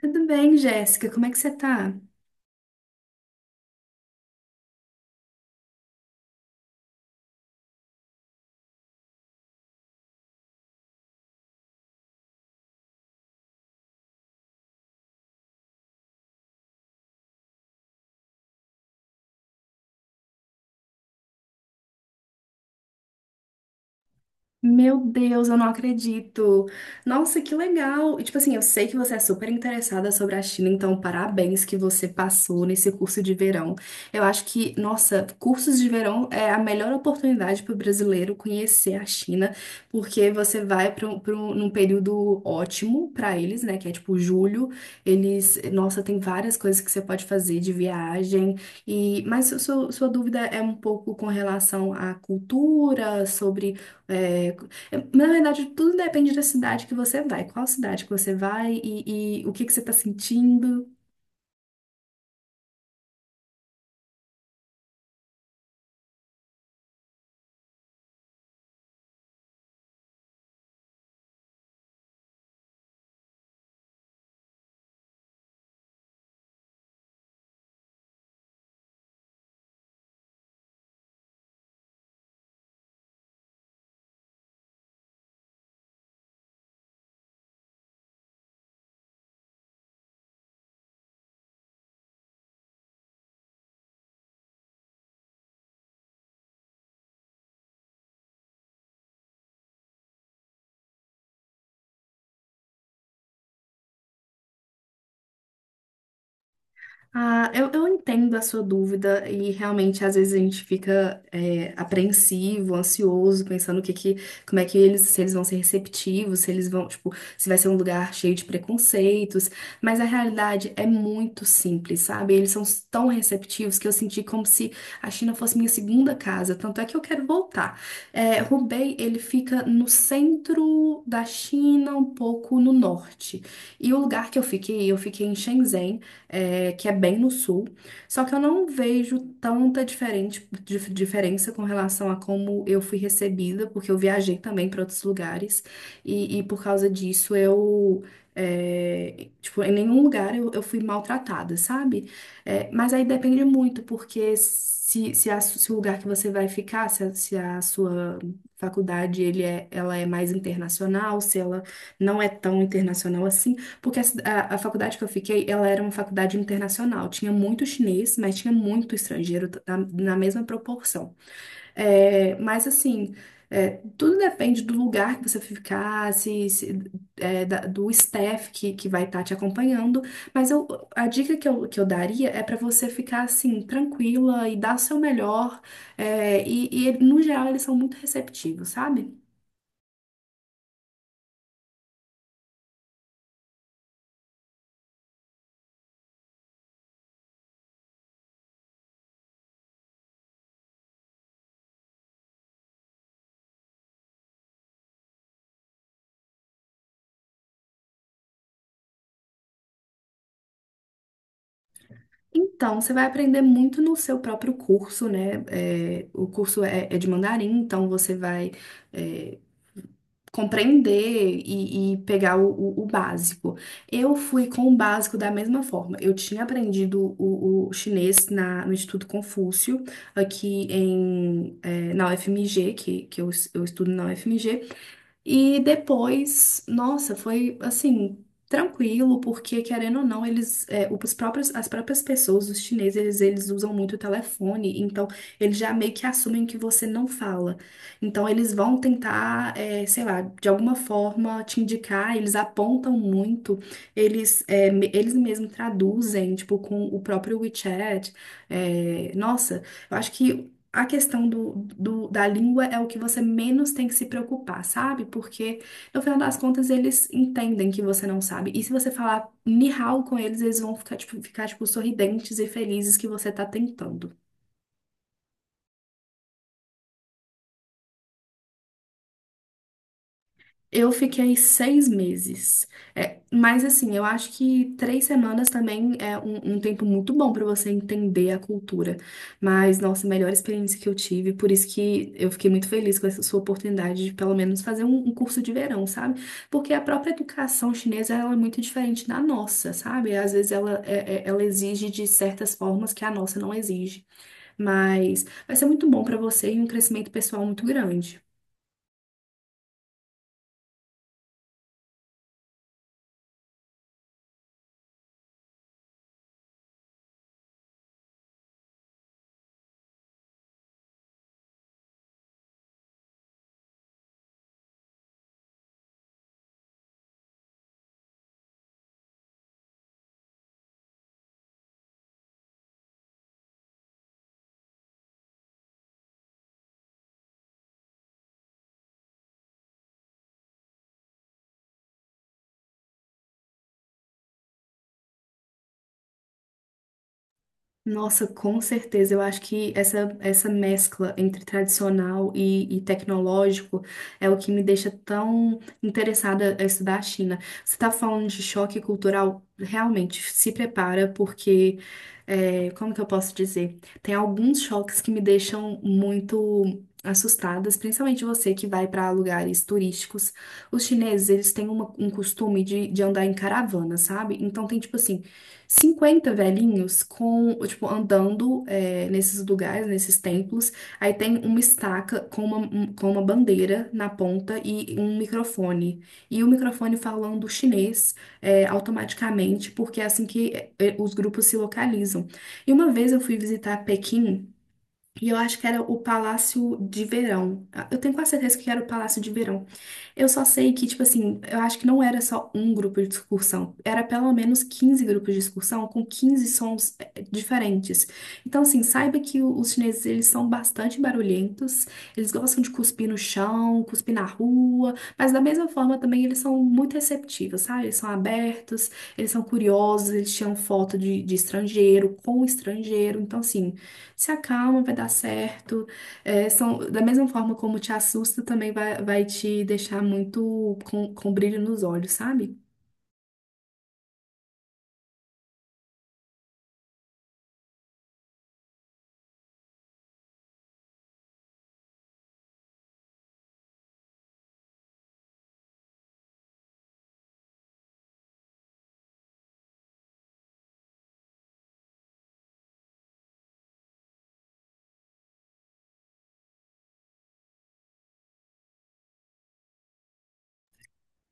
Tudo bem, Jéssica? Como é que você tá? Meu Deus, eu não acredito. Nossa, que legal. E tipo assim, eu sei que você é super interessada sobre a China, então parabéns que você passou nesse curso de verão. Eu acho que, nossa, cursos de verão é a melhor oportunidade para o brasileiro conhecer a China, porque você vai para um, num período ótimo para eles, né? Que é tipo julho. Eles, nossa, tem várias coisas que você pode fazer de viagem. E mas sua, sua dúvida é um pouco com relação à cultura, é, na verdade, tudo depende da cidade que você vai, qual cidade que você vai, e o que que você está sentindo. Ah, eu entendo a sua dúvida e realmente às vezes a gente fica apreensivo, ansioso, pensando o que que, como é que eles, se eles vão ser receptivos, se eles vão, tipo, se vai ser um lugar cheio de preconceitos, mas a realidade é muito simples, sabe? Eles são tão receptivos que eu senti como se a China fosse minha segunda casa, tanto é que eu quero voltar. É, Hubei, ele fica no centro da China, um pouco no norte. E o lugar que eu fiquei em Shenzhen, é, que é bem no sul. Só que eu não vejo tanta diferente, diferença com relação a como eu fui recebida, porque eu viajei também para outros lugares, e por causa disso eu. É, tipo, em nenhum lugar eu fui maltratada, sabe? É, mas aí depende muito, porque se, a se o lugar que você vai ficar, se a, se a sua faculdade ela é mais internacional, se ela não é tão internacional assim, porque a, a faculdade que eu fiquei, ela era uma faculdade internacional. Tinha muito chinês, mas tinha muito estrangeiro na, na mesma proporção. É, mas assim, é, tudo depende do lugar que você ficar, se é, do staff que vai estar te acompanhando. Mas eu, a dica que eu daria é para você ficar assim, tranquila e dar o seu melhor. É, e no geral, eles são muito receptivos, sabe? Então, você vai aprender muito no seu próprio curso, né? É, o curso é de mandarim, então você vai, é, compreender e pegar o, o básico. Eu fui com o básico da mesma forma. Eu tinha aprendido o chinês na, no Instituto Confúcio, aqui em, na UFMG, que eu, eu estudo na UFMG, e depois, nossa, foi assim, tranquilo, porque querendo ou não, eles, é, os próprios, as próprias pessoas, os chineses, eles usam muito o telefone, então eles já meio que assumem que você não fala. Então eles vão tentar, é, sei lá, de alguma forma te indicar, eles apontam muito, eles, eles mesmos traduzem, tipo, com o próprio WeChat. É, nossa, eu acho que a questão do, da língua é o que você menos tem que se preocupar, sabe? Porque, no final das contas, eles entendem que você não sabe. E se você falar ni hao com eles, eles vão ficar, tipo, sorridentes e felizes que você tá tentando. Eu fiquei seis meses. É, mas assim, eu acho que três semanas também é um, um tempo muito bom para você entender a cultura. Mas, nossa, a melhor experiência que eu tive, por isso que eu fiquei muito feliz com essa sua oportunidade de pelo menos fazer um, um curso de verão, sabe? Porque a própria educação chinesa ela é muito diferente da nossa, sabe? Às vezes ela, ela exige de certas formas que a nossa não exige. Mas vai ser muito bom para você e um crescimento pessoal muito grande. Nossa, com certeza. Eu acho que essa mescla entre tradicional e tecnológico é o que me deixa tão interessada a estudar a China. Você está falando de choque cultural? Realmente, se prepara, porque, é, como que eu posso dizer? Tem alguns choques que me deixam muito assustadas, principalmente você que vai para lugares turísticos. Os chineses, eles têm um costume de andar em caravana, sabe? Então, tem tipo assim 50 velhinhos com, tipo, andando é, nesses lugares, nesses templos. Aí tem uma estaca com uma, com uma bandeira na ponta e um microfone. E o microfone falando chinês é, automaticamente, porque é assim que é, os grupos se localizam. E uma vez eu fui visitar Pequim. E eu acho que era o Palácio de Verão. Ah, eu tenho quase certeza que era o Palácio de Verão. Eu só sei que, tipo assim, eu acho que não era só um grupo de excursão, era pelo menos 15 grupos de excursão com 15 sons diferentes. Então, assim, saiba que os chineses, eles são bastante barulhentos, eles gostam de cuspir no chão, cuspir na rua, mas da mesma forma também eles são muito receptivos, sabe? Eles são abertos, eles são curiosos, eles tiram foto de estrangeiro, com estrangeiro. Então, assim, se acalma, vai dar certo. É, são, da mesma forma como te assusta, também vai, vai te deixar muito com brilho nos olhos, sabe?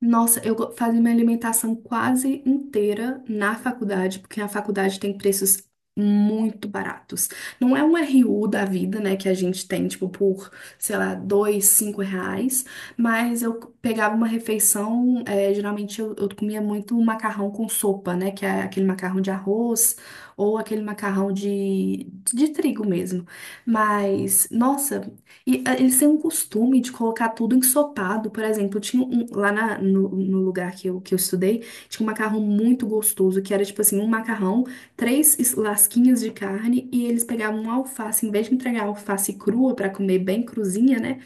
Nossa, eu fazia minha alimentação quase inteira na faculdade, porque a faculdade tem preços muito baratos. Não é um RU da vida, né, que a gente tem, tipo, por, sei lá, dois, cinco reais, mas eu pegava uma refeição, é, geralmente eu comia muito macarrão com sopa, né, que é aquele macarrão de arroz ou aquele macarrão de trigo mesmo. Mas, nossa, e ah, eles têm um costume de colocar tudo ensopado. Por exemplo, tinha um, lá no, no lugar que eu estudei, tinha um macarrão muito gostoso, que era tipo assim, um macarrão, três lasquinhas de carne, e eles pegavam uma alface, em vez de entregar a alface crua pra comer bem cruzinha, né?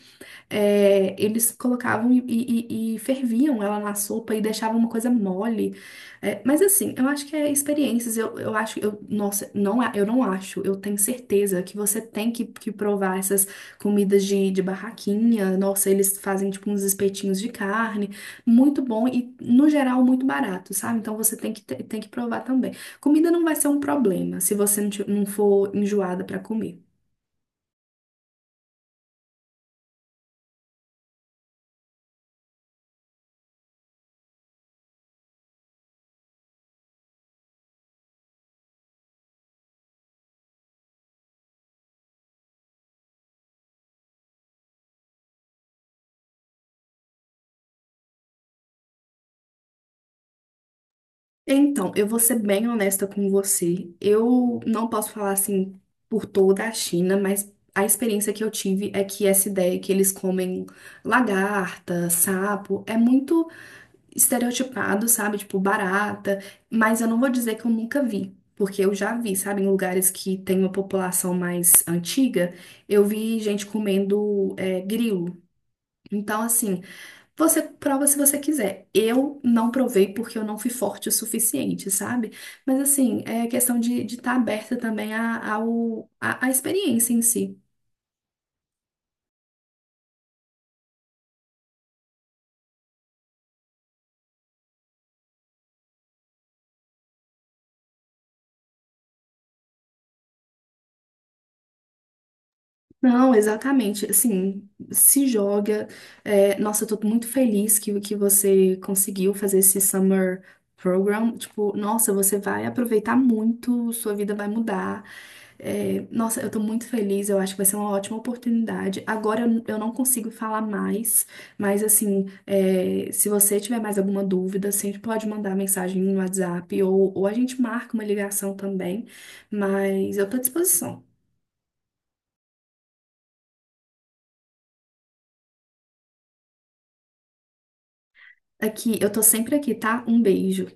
É, eles colocavam e, e ferviam ela na sopa e deixavam uma coisa mole. É, mas assim, eu acho que é experiências. Eu acho, eu, nossa, não, eu não acho. Eu tenho certeza que você tem que provar essas comidas de barraquinha. Nossa, eles fazem tipo uns espetinhos de carne, muito bom e no geral muito barato, sabe? Então você tem que, tem que provar também. Comida não vai ser um problema se você não, não for enjoada pra comer. Então, eu vou ser bem honesta com você. Eu não posso falar assim por toda a China, mas a experiência que eu tive é que essa ideia que eles comem lagarta, sapo, é muito estereotipado, sabe? Tipo, barata. Mas eu não vou dizer que eu nunca vi, porque eu já vi, sabe? Em lugares que tem uma população mais antiga, eu vi gente comendo, é, grilo. Então, assim. Você prova se você quiser. Eu não provei porque eu não fui forte o suficiente, sabe? Mas assim, é questão de estar aberta também à experiência em si. Não, exatamente. Assim, se joga. É, nossa, eu tô muito feliz que você conseguiu fazer esse summer program. Tipo, nossa, você vai aproveitar muito, sua vida vai mudar. É, nossa, eu tô muito feliz, eu acho que vai ser uma ótima oportunidade. Agora eu não consigo falar mais, mas assim, é, se você tiver mais alguma dúvida, sempre pode mandar mensagem no WhatsApp ou a gente marca uma ligação também, mas eu tô à disposição. Aqui, eu tô sempre aqui, tá? Um beijo.